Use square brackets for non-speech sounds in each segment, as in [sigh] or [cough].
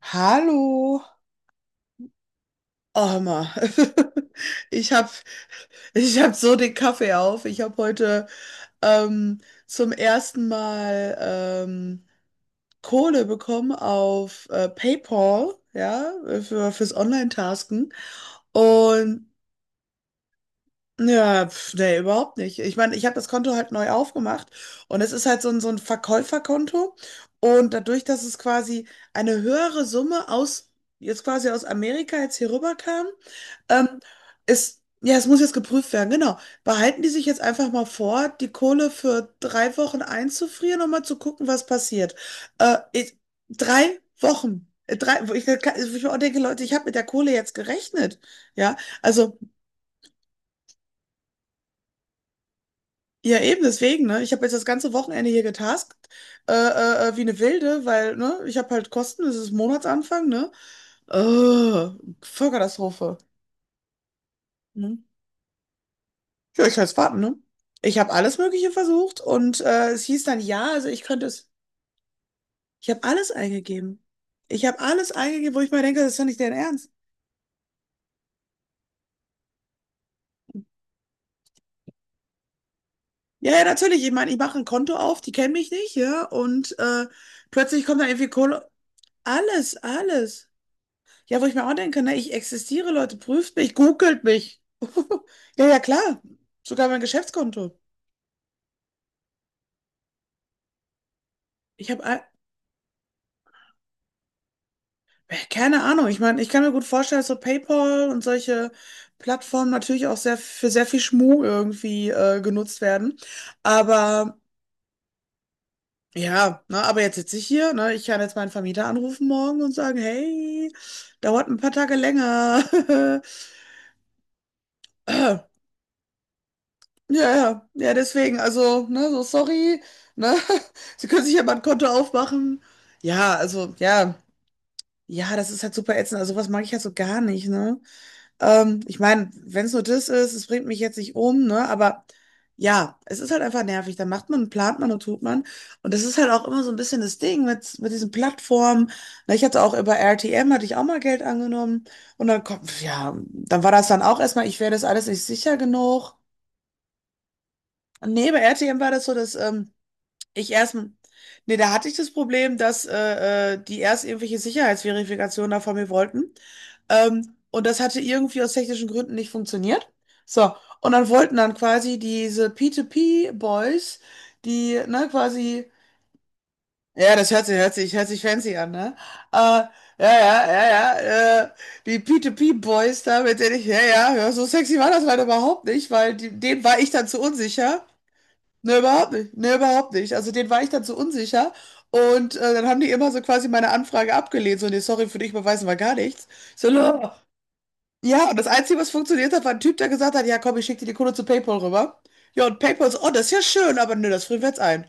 Hallo, Armer. [laughs] Ich habe ich hab so den Kaffee auf. Ich habe heute ähm, zum ersten Mal Kohle bekommen auf PayPal, ja, fürs Online-Tasken. Und ja, pf, nee, überhaupt nicht. Ich meine, ich habe das Konto halt neu aufgemacht, und es ist halt so ein Verkäuferkonto. Und dadurch, dass es quasi eine höhere Summe jetzt quasi aus Amerika jetzt hier rüber kam. Ähm, es, ja, es muss jetzt geprüft werden, genau. Behalten die sich jetzt einfach mal vor, die Kohle für drei Wochen einzufrieren, um mal zu gucken, was passiert. Äh, ich, drei Wochen. Wo wo ich mir auch denke, Leute, ich habe mit der Kohle jetzt gerechnet. Ja, also, ja, eben deswegen, ne? Ich habe jetzt das ganze Wochenende hier getaskt, wie eine Wilde, weil, ne, ich habe halt Kosten, es ist Monatsanfang, ne? Äh, Vollkatastrophe, ne? Ja, ich kann es warten, ne? Ich habe alles Mögliche versucht, und es hieß dann ja, also ich könnte es. Ich habe alles eingegeben. Ich habe alles eingegeben, wo ich mir denke, das ist doch nicht dein Ernst. Ja, ja, natürlich. Ich meine, ich mache ein Konto auf, die kennen mich nicht, ja, und plötzlich kommt da irgendwie Kohle. Alles, alles. Ja, wo ich mir auch denke, ne, ich existiere, Leute, prüft mich, googelt mich. [laughs] Ja, ja, klar. Sogar mein Geschäftskonto. Ich habe all- Keine Ahnung. Ich meine, ich kann mir gut vorstellen, dass so PayPal und solche Plattformen natürlich auch sehr für sehr viel Schmuh irgendwie genutzt werden. Aber ja, ne, aber jetzt sitze ich hier, ne? Ich kann jetzt meinen Vermieter anrufen morgen und sagen, hey, dauert ein paar Tage länger. [clears throat] [laughs] Äh, Ja, ja, ja, deswegen, also, ne, so sorry, ne? [laughs] Sie können sich ja mal ein Konto aufmachen. Ja, ja, das ist halt super ätzend. Also, was mag ich halt so gar nicht, ne? Ich meine, wenn es nur das ist, es bringt mich jetzt nicht um, ne? Aber ja, es ist halt einfach nervig. Dann macht man, plant man und tut man. Und das ist halt auch immer so ein bisschen das Ding mit diesen Plattformen. Na, ich hatte auch über RTM, hatte ich auch mal Geld angenommen. Und dann kommt, ja, dann war das dann auch erstmal, ich wäre das alles nicht sicher genug. Nee, bei RTM war das so, ich erst, nee, da hatte ich das Problem, dass die erst irgendwelche Sicherheitsverifikationen da von mir wollten. Und das hatte irgendwie aus technischen Gründen nicht funktioniert. So, und dann wollten dann quasi diese P2P-Boys, die, ne, quasi, ja, das hört sich, hört sich, hört sich fancy an, ne? Äh, ja, ja, ja, ja, äh, die P2P-Boys da, mit denen ich, ja, ja, ja, so sexy war das leider überhaupt nicht, weil die, denen war ich dann zu unsicher. Ne, überhaupt nicht. Ne, überhaupt nicht. Also den war ich dann so unsicher. Und dann haben die immer so quasi meine Anfrage abgelehnt. So, nee, sorry, für dich beweisen wir gar nichts. Ich so, no. Ja, und das Einzige, was funktioniert hat, war ein Typ, der gesagt hat, ja komm, ich schicke dir die Kohle zu PayPal rüber. Ja, und PayPal so, oh, das ist ja schön, aber nö, das frieren wir jetzt ein.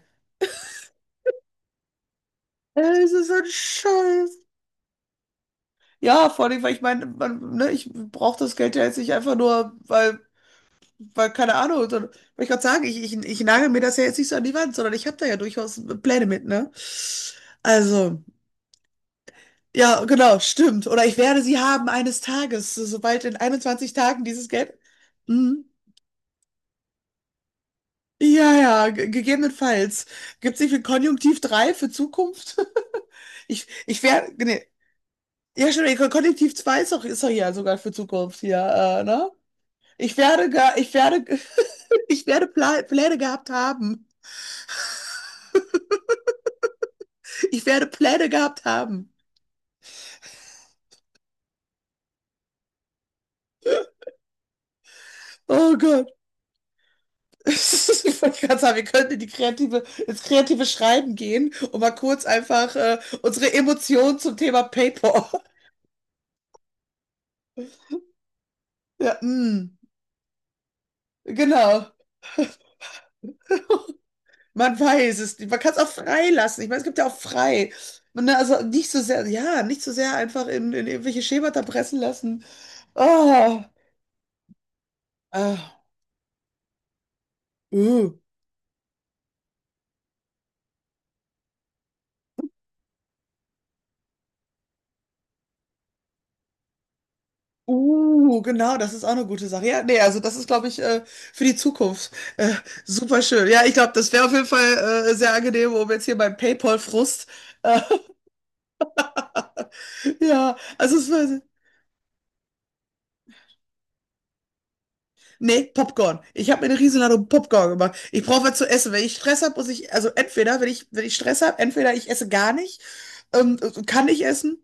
Ey, ist ein Scheiß. Ja, vor allem, weil ich meine, man, ne, ich brauche das Geld ja jetzt nicht einfach nur, weil, weil keine Ahnung, sondern, wollte ich gerade sagen, ich nagel mir das ja jetzt nicht so an die Wand, sondern ich habe da ja durchaus Pläne mit, ne? Also. Ja, genau, stimmt. Oder ich werde sie haben eines Tages, sobald in 21 Tagen dieses Geld. Mhm. Ja, ja, gegebenenfalls. Gibt es nicht für Konjunktiv 3 für Zukunft? [laughs] Nee. Ja, stimmt, Konjunktiv 2 ist doch, ja sogar für Zukunft hier, ne? Ich werde, [laughs] ich werde Pla Pläne gehabt haben. Ich werde Pläne gehabt haben. Oh Gott. [laughs] Ich wollte gerade sagen, wir könnten in ins kreative Schreiben gehen und mal kurz einfach unsere Emotionen zum Thema Paper. [laughs] Ja, mm, genau. Man weiß es nicht. Man kann es auch frei lassen. Ich meine, es gibt ja auch frei. Ne, also nicht so sehr, ja, nicht so sehr einfach in irgendwelche Schemata pressen lassen. Ah, ah, uh. Genau, das ist auch eine gute Sache. Ja, nee, also das ist, glaube ich, für die Zukunft äh, super schön. Ja, ich glaube, das wäre auf jeden Fall sehr angenehm, um jetzt hier beim PayPal-Frust. Äh, [laughs] ja, also es war. Nee, Popcorn. Ich habe mir eine Riesenladung Popcorn gemacht. Ich brauche was zu essen. Wenn ich Stress habe, muss ich, also entweder, wenn ich Stress habe, entweder ich esse gar nicht, kann ich essen.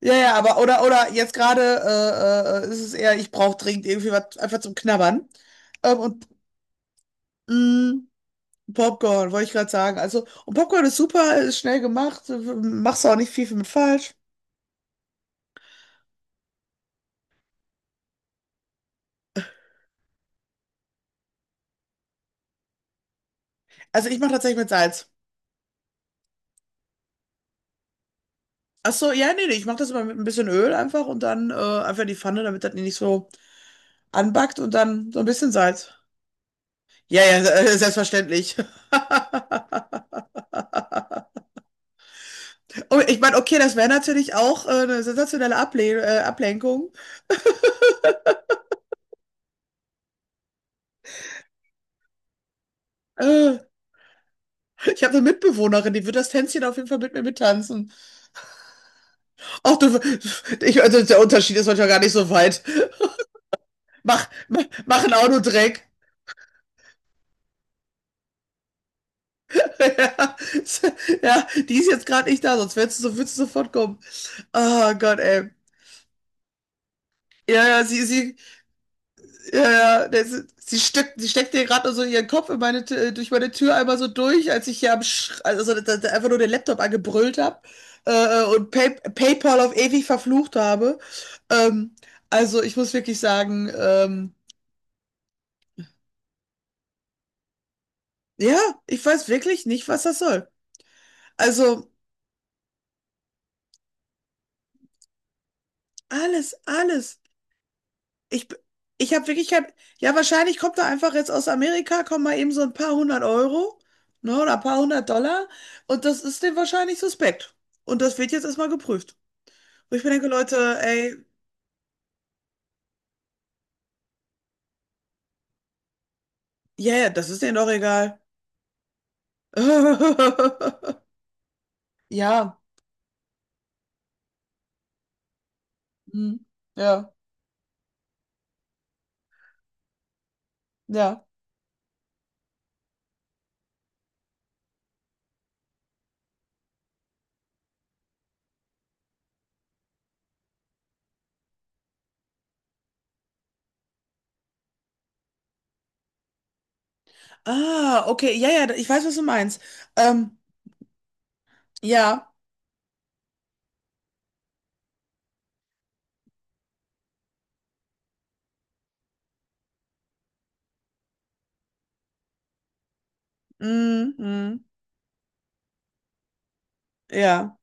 Ja, ja, aber oder jetzt gerade ist es eher, ich brauche dringend irgendwie was einfach zum Knabbern. Ähm, und mh, Popcorn, wollte ich gerade sagen. Also, und Popcorn ist super, ist schnell gemacht, machst du auch nicht viel mit falsch. Also, ich mache tatsächlich mit Salz. Ach so, ja, nee, nee, ich mache das immer mit ein bisschen Öl einfach und dann einfach in die Pfanne, damit das nicht so anbackt, und dann so ein bisschen Salz. Ja, ja, selbstverständlich. [laughs] Und ich meine, okay, das wäre natürlich auch eine sensationelle Ablenkung. Äh, ich habe eine Mitbewohnerin, die wird das Tänzchen auf jeden Fall mit mir mittanzen. Ach du, [laughs] ich, also der Unterschied ist manchmal gar nicht so weit. Mach einen Autodreck. Ja, [laughs] ja, die ist jetzt gerade nicht da, sonst würdest du sofort kommen. Oh Gott, ey. Ja, ja, sie, ja, ja, das, sie steckt dir gerade so ihren Kopf in meine, durch meine Tür einmal so durch, als ich hier am, Sch also so, da, da einfach nur den Laptop angebrüllt habe, PayPal auf ewig verflucht habe. Ähm, also ich muss wirklich sagen, ja, ich weiß wirklich nicht, was das soll. Also alles, alles. Ich, ich habe wirklich kein, ja, wahrscheinlich kommt er einfach jetzt aus Amerika, kommen mal eben so ein paar hundert Euro, ne, oder ein paar hundert Dollar, und das ist dem wahrscheinlich suspekt. Und das wird jetzt erstmal geprüft. Wo ich mir denke, Leute, ey, ja, yeah, das ist denen doch egal. [laughs] Ja, hm, ja, ja. Ah, okay, ja, ja, ich weiß, was du meinst. Ähm, ja, mm, ja,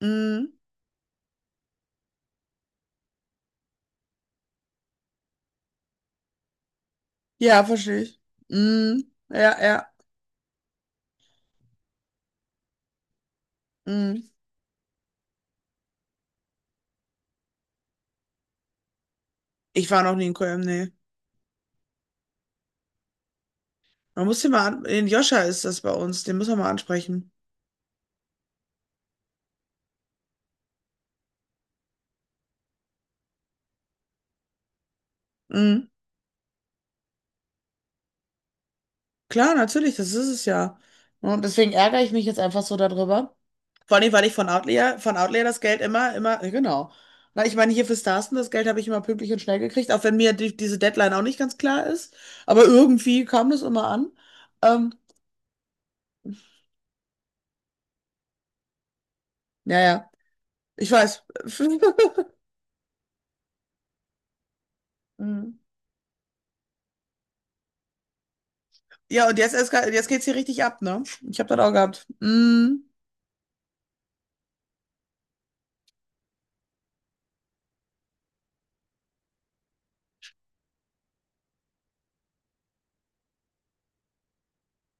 mm, ja, verstehe ich. Mm, ja, ja, mm. Ich war noch nie in Köln, nee. Man muss den mal an, den Joscha ist das bei uns, den müssen wir mal ansprechen. Mhm. Klar, natürlich, das ist es ja. Und deswegen ärgere ich mich jetzt einfach so darüber. Vor allem, weil ich von Outlier das Geld immer, genau. Na, ich meine, hier für Starsten, das Geld habe ich immer pünktlich und schnell gekriegt, auch wenn mir diese Deadline auch nicht ganz klar ist. Aber irgendwie kam das immer an. Ähm, naja, ich weiß. [laughs] Mhm. Ja, und jetzt, jetzt geht's hier richtig ab, ne? Ich habe das auch gehabt. Mhm.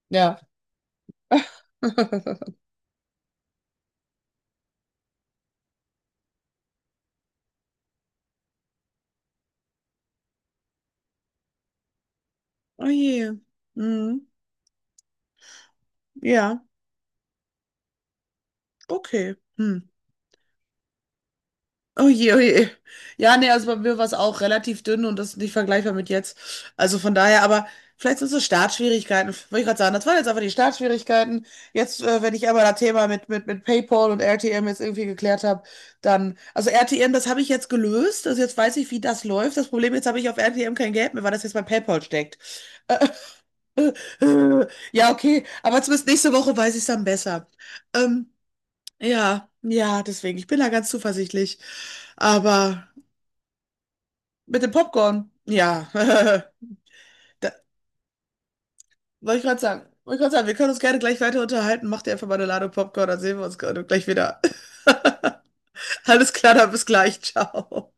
Ja. [laughs] Oh je. Mhm. Ja, okay. Hm. Oh je, oh je. Ja, nee, also bei mir war es auch relativ dünn, und das ist nicht vergleichbar mit jetzt. Also von daher, aber vielleicht sind es so Startschwierigkeiten, wollte ich gerade sagen. Das waren jetzt einfach die Startschwierigkeiten. Jetzt, wenn ich einmal das Thema mit PayPal und RTM jetzt irgendwie geklärt habe, dann, also RTM, das habe ich jetzt gelöst. Also jetzt weiß ich, wie das läuft. Das Problem jetzt habe ich auf RTM kein Geld mehr, weil das jetzt bei PayPal steckt. [laughs] Ja, okay, aber zumindest nächste Woche weiß ich es dann besser. Ähm, Ja, ja, deswegen. Ich bin da ganz zuversichtlich. Aber mit dem Popcorn, ja. [laughs] Da, wollte ich gerade sagen. Wollte ich gerade sagen, wir können uns gerne gleich weiter unterhalten. Mach dir einfach mal eine Ladung Popcorn, dann sehen wir uns gerade gleich wieder. [laughs] Alles klar, dann bis gleich. Ciao.